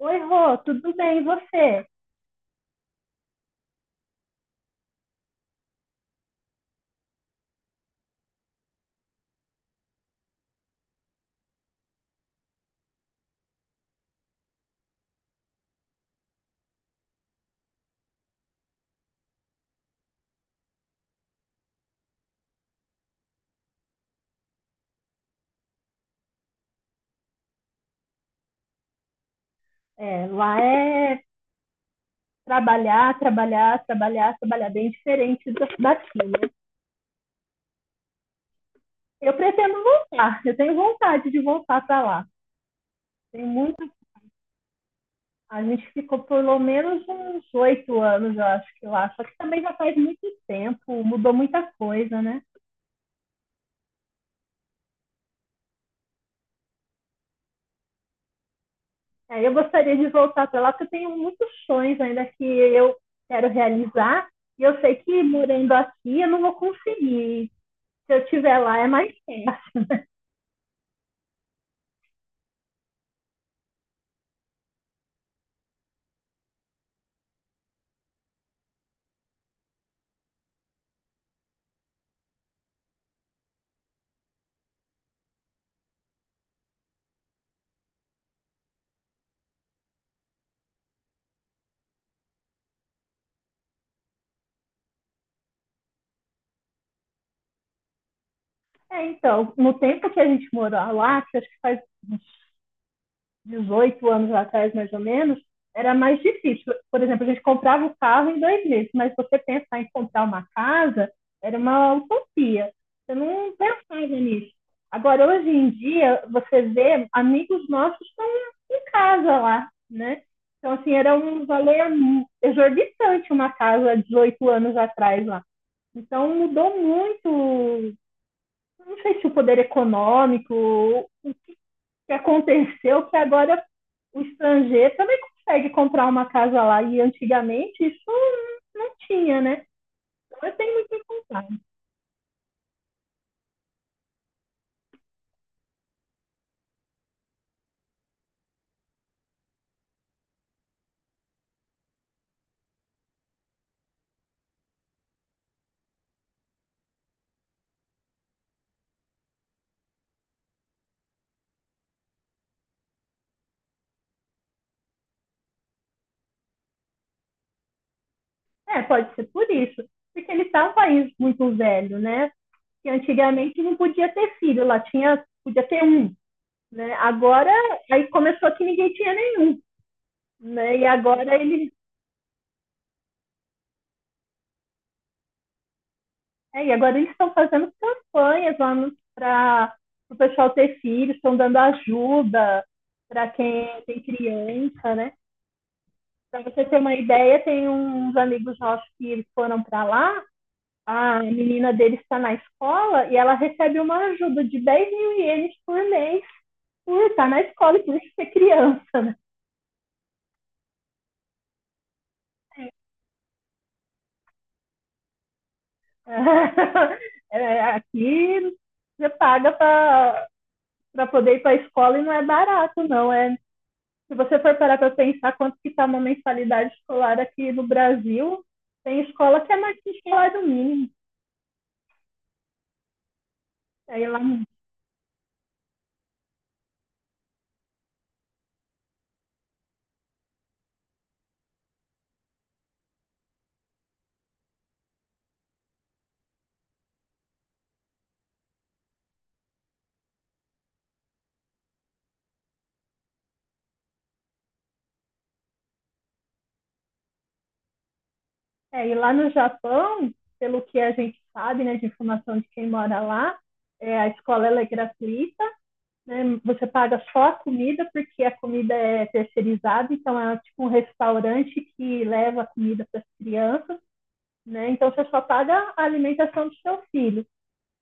Oi, Rô, tudo bem, e você? É, lá é trabalhar, trabalhar, trabalhar, trabalhar, bem diferente daqui, né? Eu pretendo voltar, eu tenho vontade de voltar para lá. Tem muito. A gente ficou por pelo menos uns 8 anos, eu acho que lá, só que também já faz muito tempo, mudou muita coisa, né? É, eu gostaria de voltar para lá, porque eu tenho muitos sonhos ainda que eu quero realizar, e eu sei que morando aqui eu não vou conseguir. Se eu estiver lá, é mais tempo. É, então, no tempo que a gente morou lá, que acho que faz uns 18 anos atrás, mais ou menos, era mais difícil. Por exemplo, a gente comprava o carro em 2 meses, mas você pensar em comprar uma casa era uma utopia. Você não pensava nisso. Agora, hoje em dia, você vê amigos nossos estão em casa lá, né? Então, assim, era um valor exorbitante uma casa há 18 anos atrás lá. Então, mudou muito, não sei se o poder econômico, o que aconteceu, que agora o estrangeiro também consegue comprar uma casa lá. E antigamente isso não tinha, né? Então eu tenho muito em contar. É, pode ser por isso. Porque ele está um país muito velho, né? Que antigamente não podia ter filho, lá tinha, podia ter um. Né? Agora, aí começou que ninguém tinha nenhum. Né? E agora eles... É, e agora eles estão fazendo campanhas lá para o pessoal ter filhos, estão dando ajuda para quem tem criança, né? Para você ter uma ideia, tem uns amigos nossos que eles foram para lá, a menina deles está na escola e ela recebe uma ajuda de 10 mil ienes por mês por estar na escola e por ser criança, né? É, aqui você paga para poder ir para a escola e não é barato, não. É, se você for parar para pensar quanto que está uma mensalidade escolar aqui no Brasil, tem escola que é mais que salário mínimo. Aí lá, é, e lá no Japão, pelo que a gente sabe, né, de informação de quem mora lá, é, a escola ela é gratuita, né, você paga só a comida, porque a comida é terceirizada, então é tipo um restaurante que leva a comida para as crianças, né, então você só paga a alimentação do seu filho.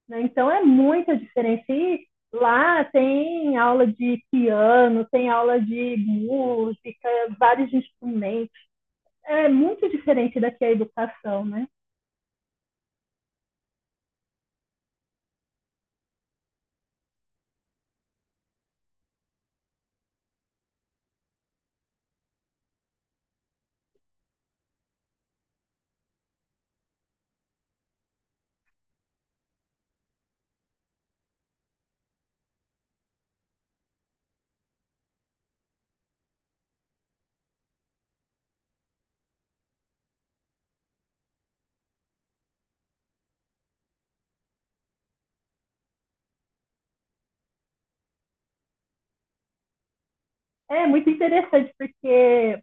Né? Então é muito diferente. E lá tem aula de piano, tem aula de música, vários instrumentos. É muito diferente daqui a educação, né? É muito interessante porque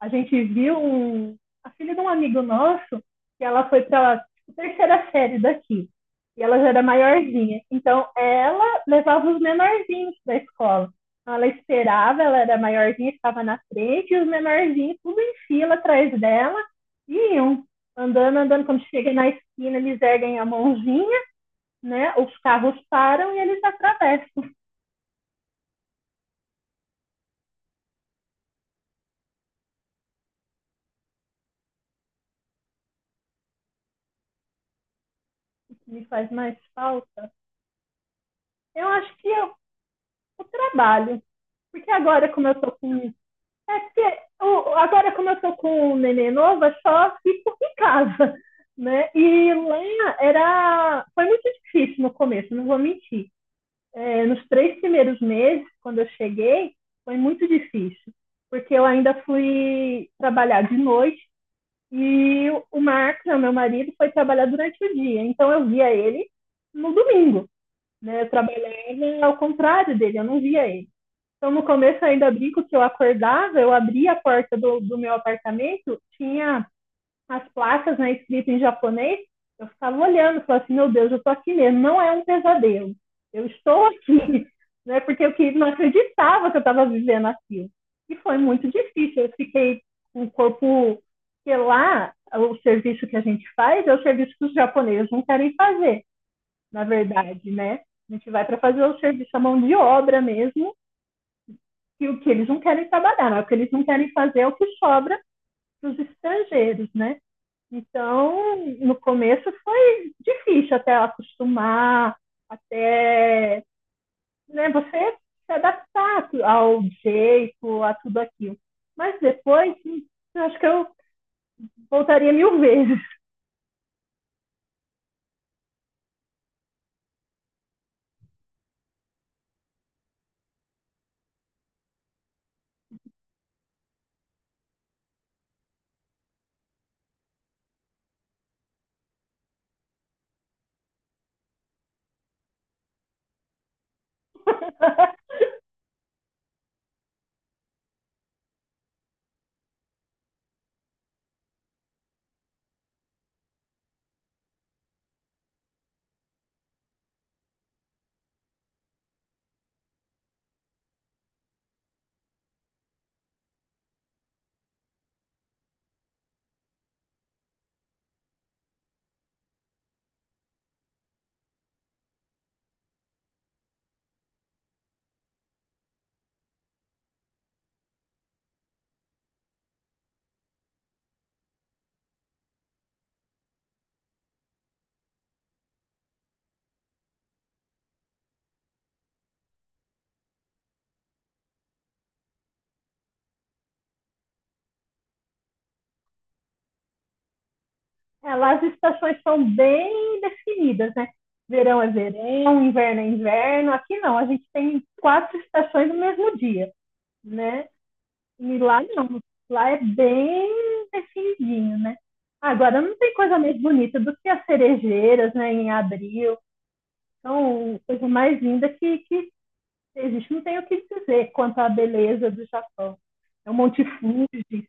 a gente viu a filha de um amigo nosso, que ela foi para a terceira série daqui. E ela já era maiorzinha. Então, ela levava os menorzinhos da escola. Então, ela esperava, ela era maiorzinha, estava na frente, e os menorzinhos, tudo em fila atrás dela, iam andando, andando. Quando chega na esquina, eles erguem a mãozinha, né? Os carros param e eles atravessam. O que me faz mais falta. Eu acho que é o trabalho. Porque agora, como eu tô com... É porque agora, como eu tô com o neném novo, eu só fico em casa, né? E lá era... Foi muito difícil no começo, não vou mentir. É, nos 3 primeiros meses, quando eu cheguei, foi muito difícil. Porque eu ainda fui trabalhar de noite e Marcos, né, meu marido, foi trabalhar durante o dia. Então, eu via ele no domingo, né? Eu trabalhava ao contrário dele, eu não via ele. Então, no começo, eu ainda brinco que eu acordava, eu abria a porta do meu apartamento, tinha as placas, né, escritas em japonês, eu ficava olhando, falava assim, meu Deus, eu estou aqui mesmo, não é um pesadelo, eu estou aqui, né, porque eu não acreditava que eu estava vivendo aquilo. E foi muito difícil, eu fiquei com o corpo, porque lá o serviço que a gente faz é o serviço que os japoneses não querem fazer, na verdade, né? A gente vai para fazer o serviço à mão de obra mesmo, e o que eles não querem trabalhar, não, o que eles não querem fazer é o que sobra para os estrangeiros, né? Então, no começo foi difícil até acostumar, até, né, você se adaptar ao jeito, a tudo aquilo. Mas depois, acho que eu voltaria mil vezes. Lá as estações são bem definidas, né? Verão é verão, inverno é inverno. Aqui não, a gente tem quatro estações no mesmo dia, né? E lá não. Lá é bem definidinho, né? Agora, não tem coisa mais bonita do que as cerejeiras, né, em abril. Então, coisa mais linda que existe. Não tem o que dizer quanto à beleza do Japão. É o Monte Fuji.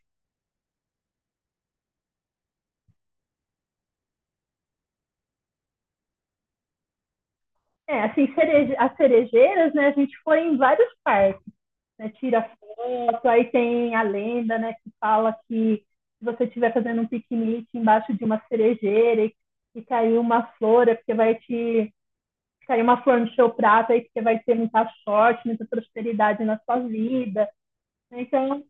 É, assim, as cerejeiras, né, a gente foi em vários parques, né, tira foto, aí tem a lenda, né, que fala que se você estiver fazendo um piquenique embaixo de uma cerejeira e cair uma flor, é porque vai te sair uma flor no seu prato, aí que você vai ter muita sorte, muita prosperidade na sua vida. Né? Então,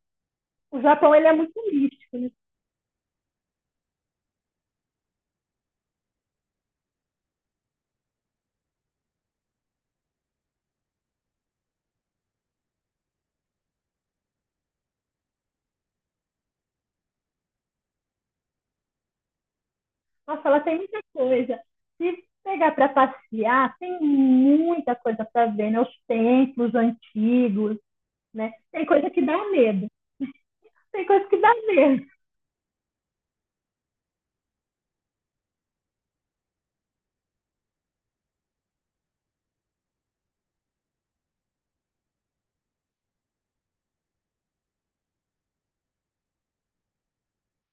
o Japão ele é muito místico. Né? Nossa, ela tem muita coisa. Se pegar para passear, tem muita coisa para ver, né? Os templos antigos, né? Tem coisa que dá medo. Tem coisa que dá medo.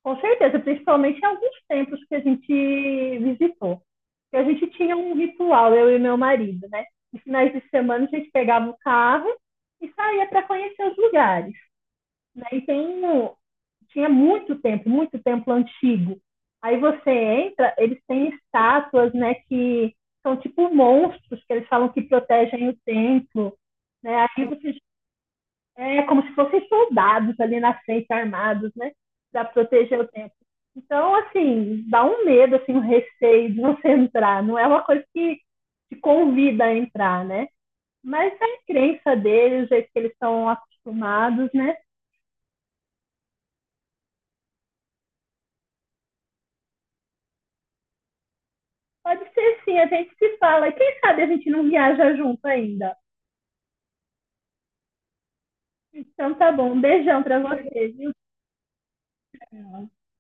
Com certeza, principalmente em alguns tempos que a gente visitou. E a gente tinha um ritual, eu e meu marido, né? Nos finais de semana a gente pegava o carro e saía para conhecer os lugares. Né? E tinha muito templo antigo. Aí você entra, eles têm estátuas, né, que são tipo monstros, que eles falam que protegem o templo, né? Aí você é, como se fossem soldados ali na frente, armados, né? Para proteger o templo. Então, assim, dá um medo, assim, um receio de você entrar. Não é uma coisa que te convida a entrar, né? Mas é a crença deles, o jeito que eles estão acostumados, né? Pode ser sim, a gente se fala. E quem sabe a gente não viaja junto ainda. Então tá bom, um beijão pra vocês. Viu?